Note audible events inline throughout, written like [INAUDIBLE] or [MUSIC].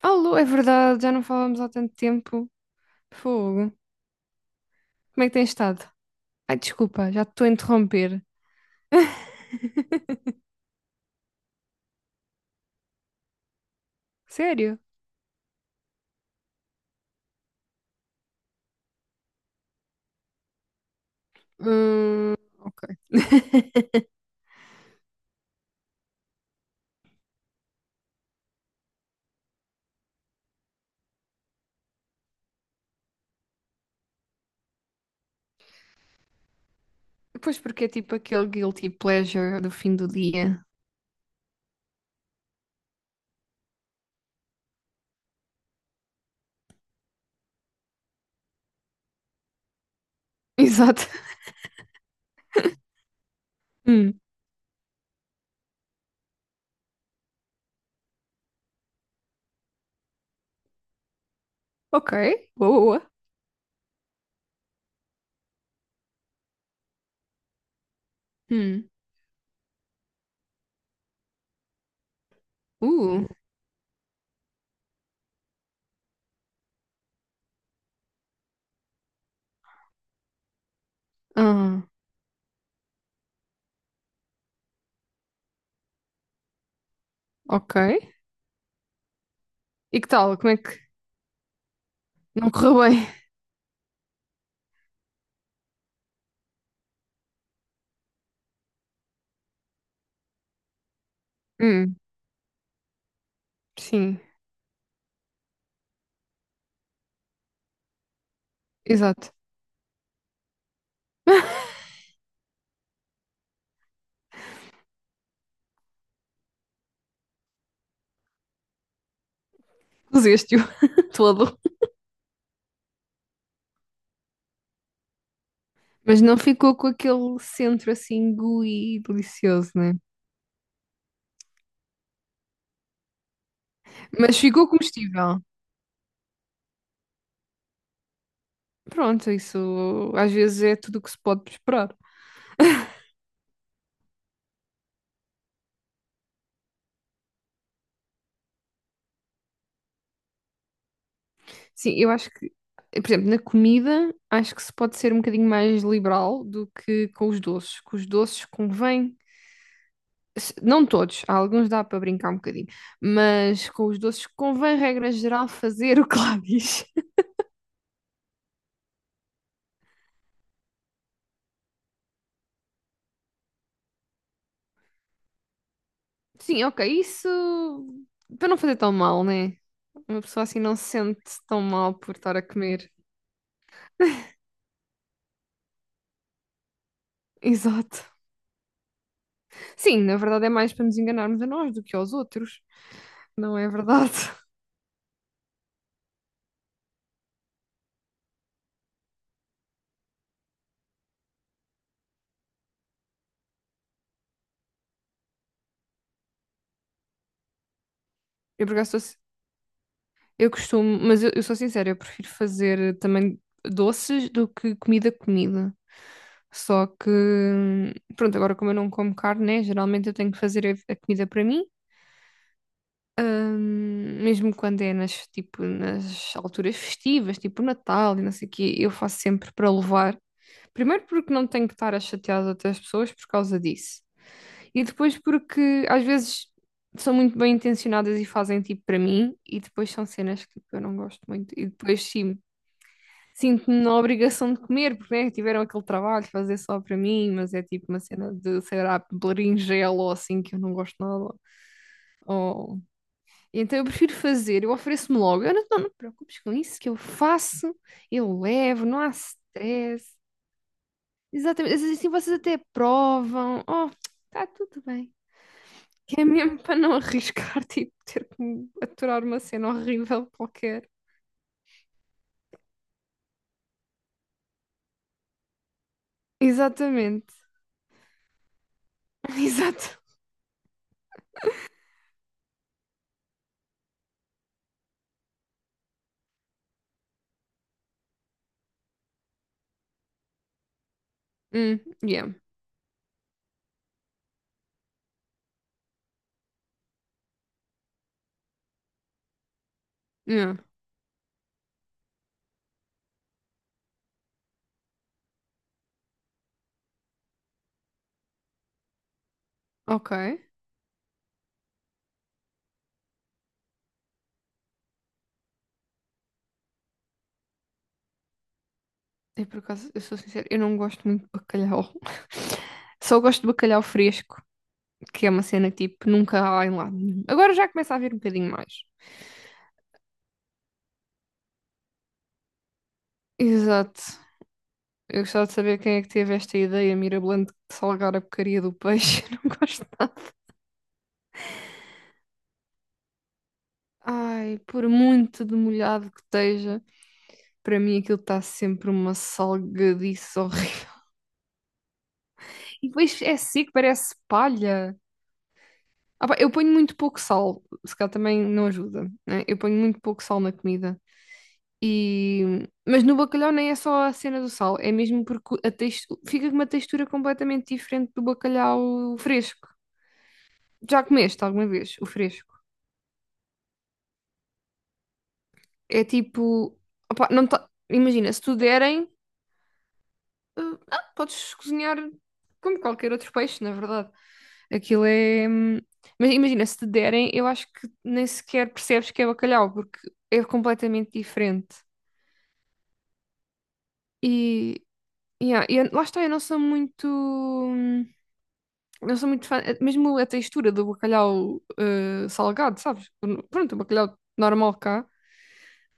Alô, é verdade, já não falamos há tanto tempo. Fogo. Como é que tens estado? Ai, desculpa, já te estou a interromper. [LAUGHS] Sério? Hum, ok. [LAUGHS] Pois porque é tipo aquele guilty pleasure do fim do dia. [LAUGHS] Exato. Hum, ok. Boa, boa. Hum, uh. Ah, ok. E que tal? Como é que não correu bem? Hum, sim, exato. [LAUGHS] Puseste-o [LAUGHS] todo. Mas não ficou com aquele centro assim gooey e delicioso, né? Mas ficou comestível. Pronto, isso às vezes é tudo o que se pode esperar. Sim, eu acho que, por exemplo, na comida, acho que se pode ser um bocadinho mais liberal do que com os doces. Com os doces convém, não todos, há alguns dá para brincar um bocadinho, mas com os doces convém, regra geral, fazer o que lá diz. Sim, ok, isso para não fazer tão mal, né? Uma pessoa assim não se sente tão mal por estar a comer. [LAUGHS] Exato. Sim, na verdade é mais para nos enganarmos a nós do que aos outros, não é verdade? [LAUGHS] Eu, por acaso, eu costumo, mas eu sou sincera, eu prefiro fazer também doces do que comida comida. Só que, pronto, agora como eu não como carne, né, geralmente eu tenho que fazer a comida para mim. Mesmo quando é nas, tipo, nas alturas festivas, tipo Natal e não sei o quê, eu faço sempre para levar. Primeiro porque não tenho que estar a chatear as outras pessoas por causa disso. E depois porque às vezes são muito bem intencionadas e fazem tipo para mim, e depois são cenas que tipo, eu não gosto muito. E depois sim, sinto-me na obrigação de comer, porque né, tiveram aquele trabalho de fazer só para mim, mas é tipo uma cena de, sei lá, berinjela ou assim que eu não gosto nada. Ou então eu prefiro fazer, eu ofereço-me logo. Eu não, não, não te preocupes com isso, que eu faço, eu levo, não há stress. Exatamente, às vezes assim vocês até provam. Oh, está tudo bem. Que é mesmo para não arriscar, [LAUGHS] tipo, ter que me aturar uma cena horrível qualquer. Exatamente, [LAUGHS] exato. Yeah, yeah, ok. E por acaso, eu sou sincera, eu não gosto muito de bacalhau. [LAUGHS] Só gosto de bacalhau fresco, que é uma cena que, tipo, nunca há em lado nenhum. Agora já começa a haver um bocadinho mais. Exato. Eu gostava de saber quem é que teve esta ideia mirabolante de salgar a porcaria do peixe. [LAUGHS] Não gosto. Ai, por muito demolhado que esteja, para mim aquilo está sempre uma salgadice horrível. [LAUGHS] E depois é seco, parece palha. Ah pá, eu ponho muito pouco sal, se calhar também não ajuda, né? Eu ponho muito pouco sal na comida. E... Mas no bacalhau nem é só a cena do sal, é mesmo porque fica com uma textura completamente diferente do bacalhau fresco. Já comeste alguma vez o fresco? É tipo, opá, imagina, se tu derem, eh, podes cozinhar como qualquer outro peixe, na verdade. Aquilo é. Mas imagina, se te derem, eu acho que nem sequer percebes que é bacalhau, porque é completamente diferente. E, yeah, lá está, eu não sou muito. Não sou muito fã, mesmo a textura do bacalhau salgado, sabes? Pronto, o bacalhau normal cá.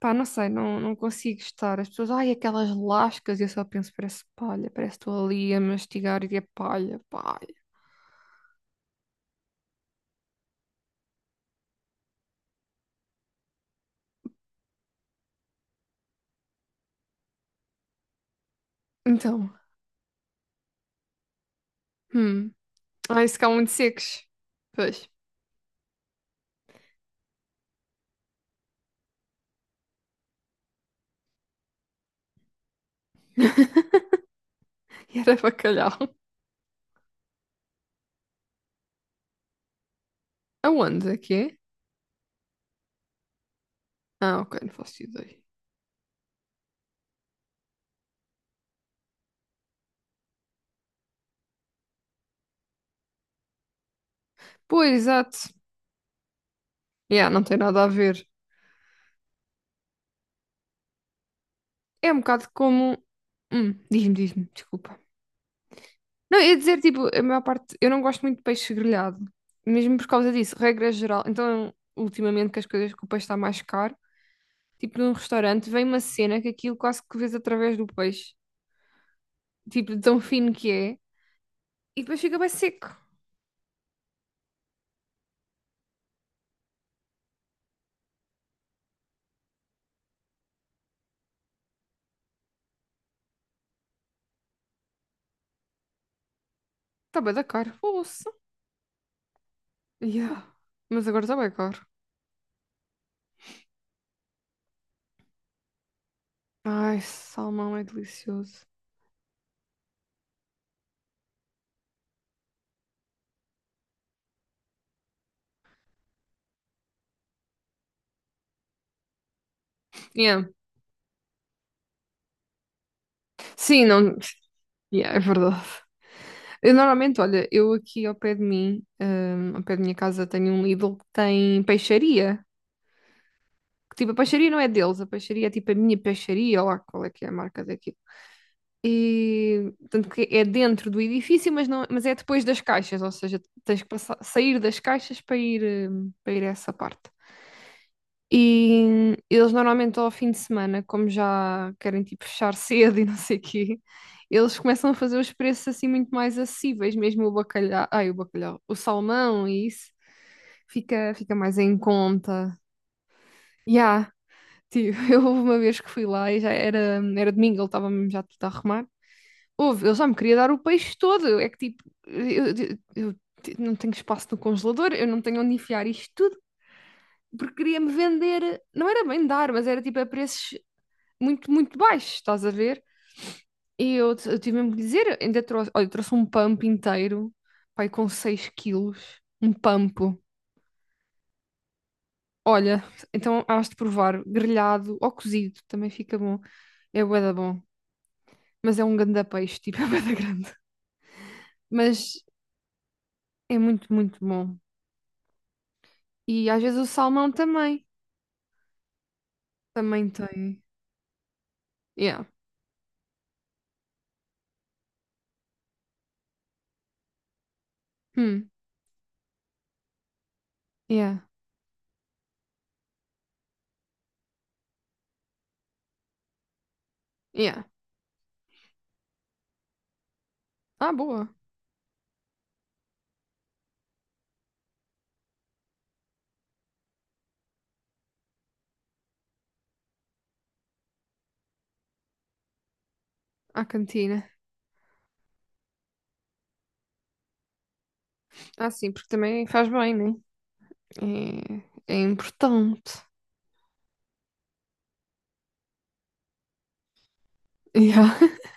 Pá, não sei, não, não consigo estar. As pessoas, ai, aquelas lascas, e eu só penso, parece palha, parece que estou ali a mastigar e é palha, palha. Então, hum, ai, se cá muito secos. Pois, [LAUGHS] e era bacalhau. [LAUGHS] Aonde é que é? Ah, ok, não faço ideia. Pois, exato. Yeah, não tem nada a ver. É um bocado como. Diz-me, diz-me, desculpa. Não, ia dizer, tipo, a maior parte, eu não gosto muito de peixe grelhado, mesmo por causa disso, regra geral. Então, ultimamente que as coisas, que o peixe está mais caro. Tipo num restaurante, vem uma cena que aquilo quase que vês através do peixe, tipo de tão fino que é, e depois fica bem seco. Está bem da cara, ouça. Yeah. Mas agora está bem caro. Ai, salmão é delicioso. Yeah. Sim, não. Yeah, é verdade. Eu normalmente, olha, eu aqui ao pé de mim, ao pé da minha casa, tenho um Lidl que tem peixaria. Que, tipo, a peixaria não é deles, a peixaria é tipo a minha peixaria, ou lá qual é que é a marca daqui. E, tanto que é dentro do edifício, mas, não, mas é depois das caixas, ou seja, tens que sair das caixas para ir a essa parte. E eles normalmente ao fim de semana, como já querem tipo fechar cedo [LAUGHS] e não sei o quê, eles começam a fazer os preços assim muito mais acessíveis, mesmo o bacalhau, ai, o bacalhau, o salmão e isso fica mais em conta. Ya, tipo, [LAUGHS] eu houve uma vez que fui lá e já era domingo, ele estava mesmo já tudo a arrumar. Houve, eu só me queria dar o peixe todo. É que tipo, não tenho espaço no congelador, eu não tenho onde enfiar isto tudo, porque queria-me vender. Não era bem dar, mas era tipo a preços muito, muito baixos, estás a ver? E eu tive mesmo que dizer, ainda trouxe, olha, eu trouxe um pump inteiro, pai, com 6 quilos, um pampo. Olha, então hás de provar, grelhado ou cozido, também fica bom. É bué da bom, mas é um ganda peixe, tipo, [LAUGHS] é bué da grande. Mas é muito, muito bom. E às vezes o salmão também. Também tem. Yeah. Hum. Yeah. Yeah. Ah, boa. À cantina. Ah, sim, porque também faz bem, né? É importante. Yeah. [LAUGHS]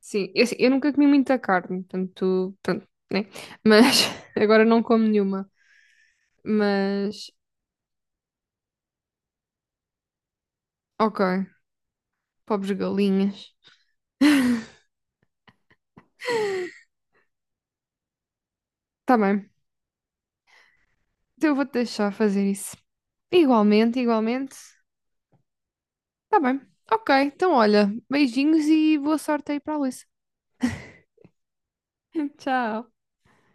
Sim, eu, assim, eu nunca comi muita carne, portanto, pronto, né? Mas [LAUGHS] agora não como nenhuma. Mas, ok. Pobres galinhas. [LAUGHS] Tá bem. Então eu vou-te deixar fazer isso. Igualmente, igualmente. Tá bem. Ok, então olha, beijinhos e boa sorte aí para a Luísa. [LAUGHS] Tchau.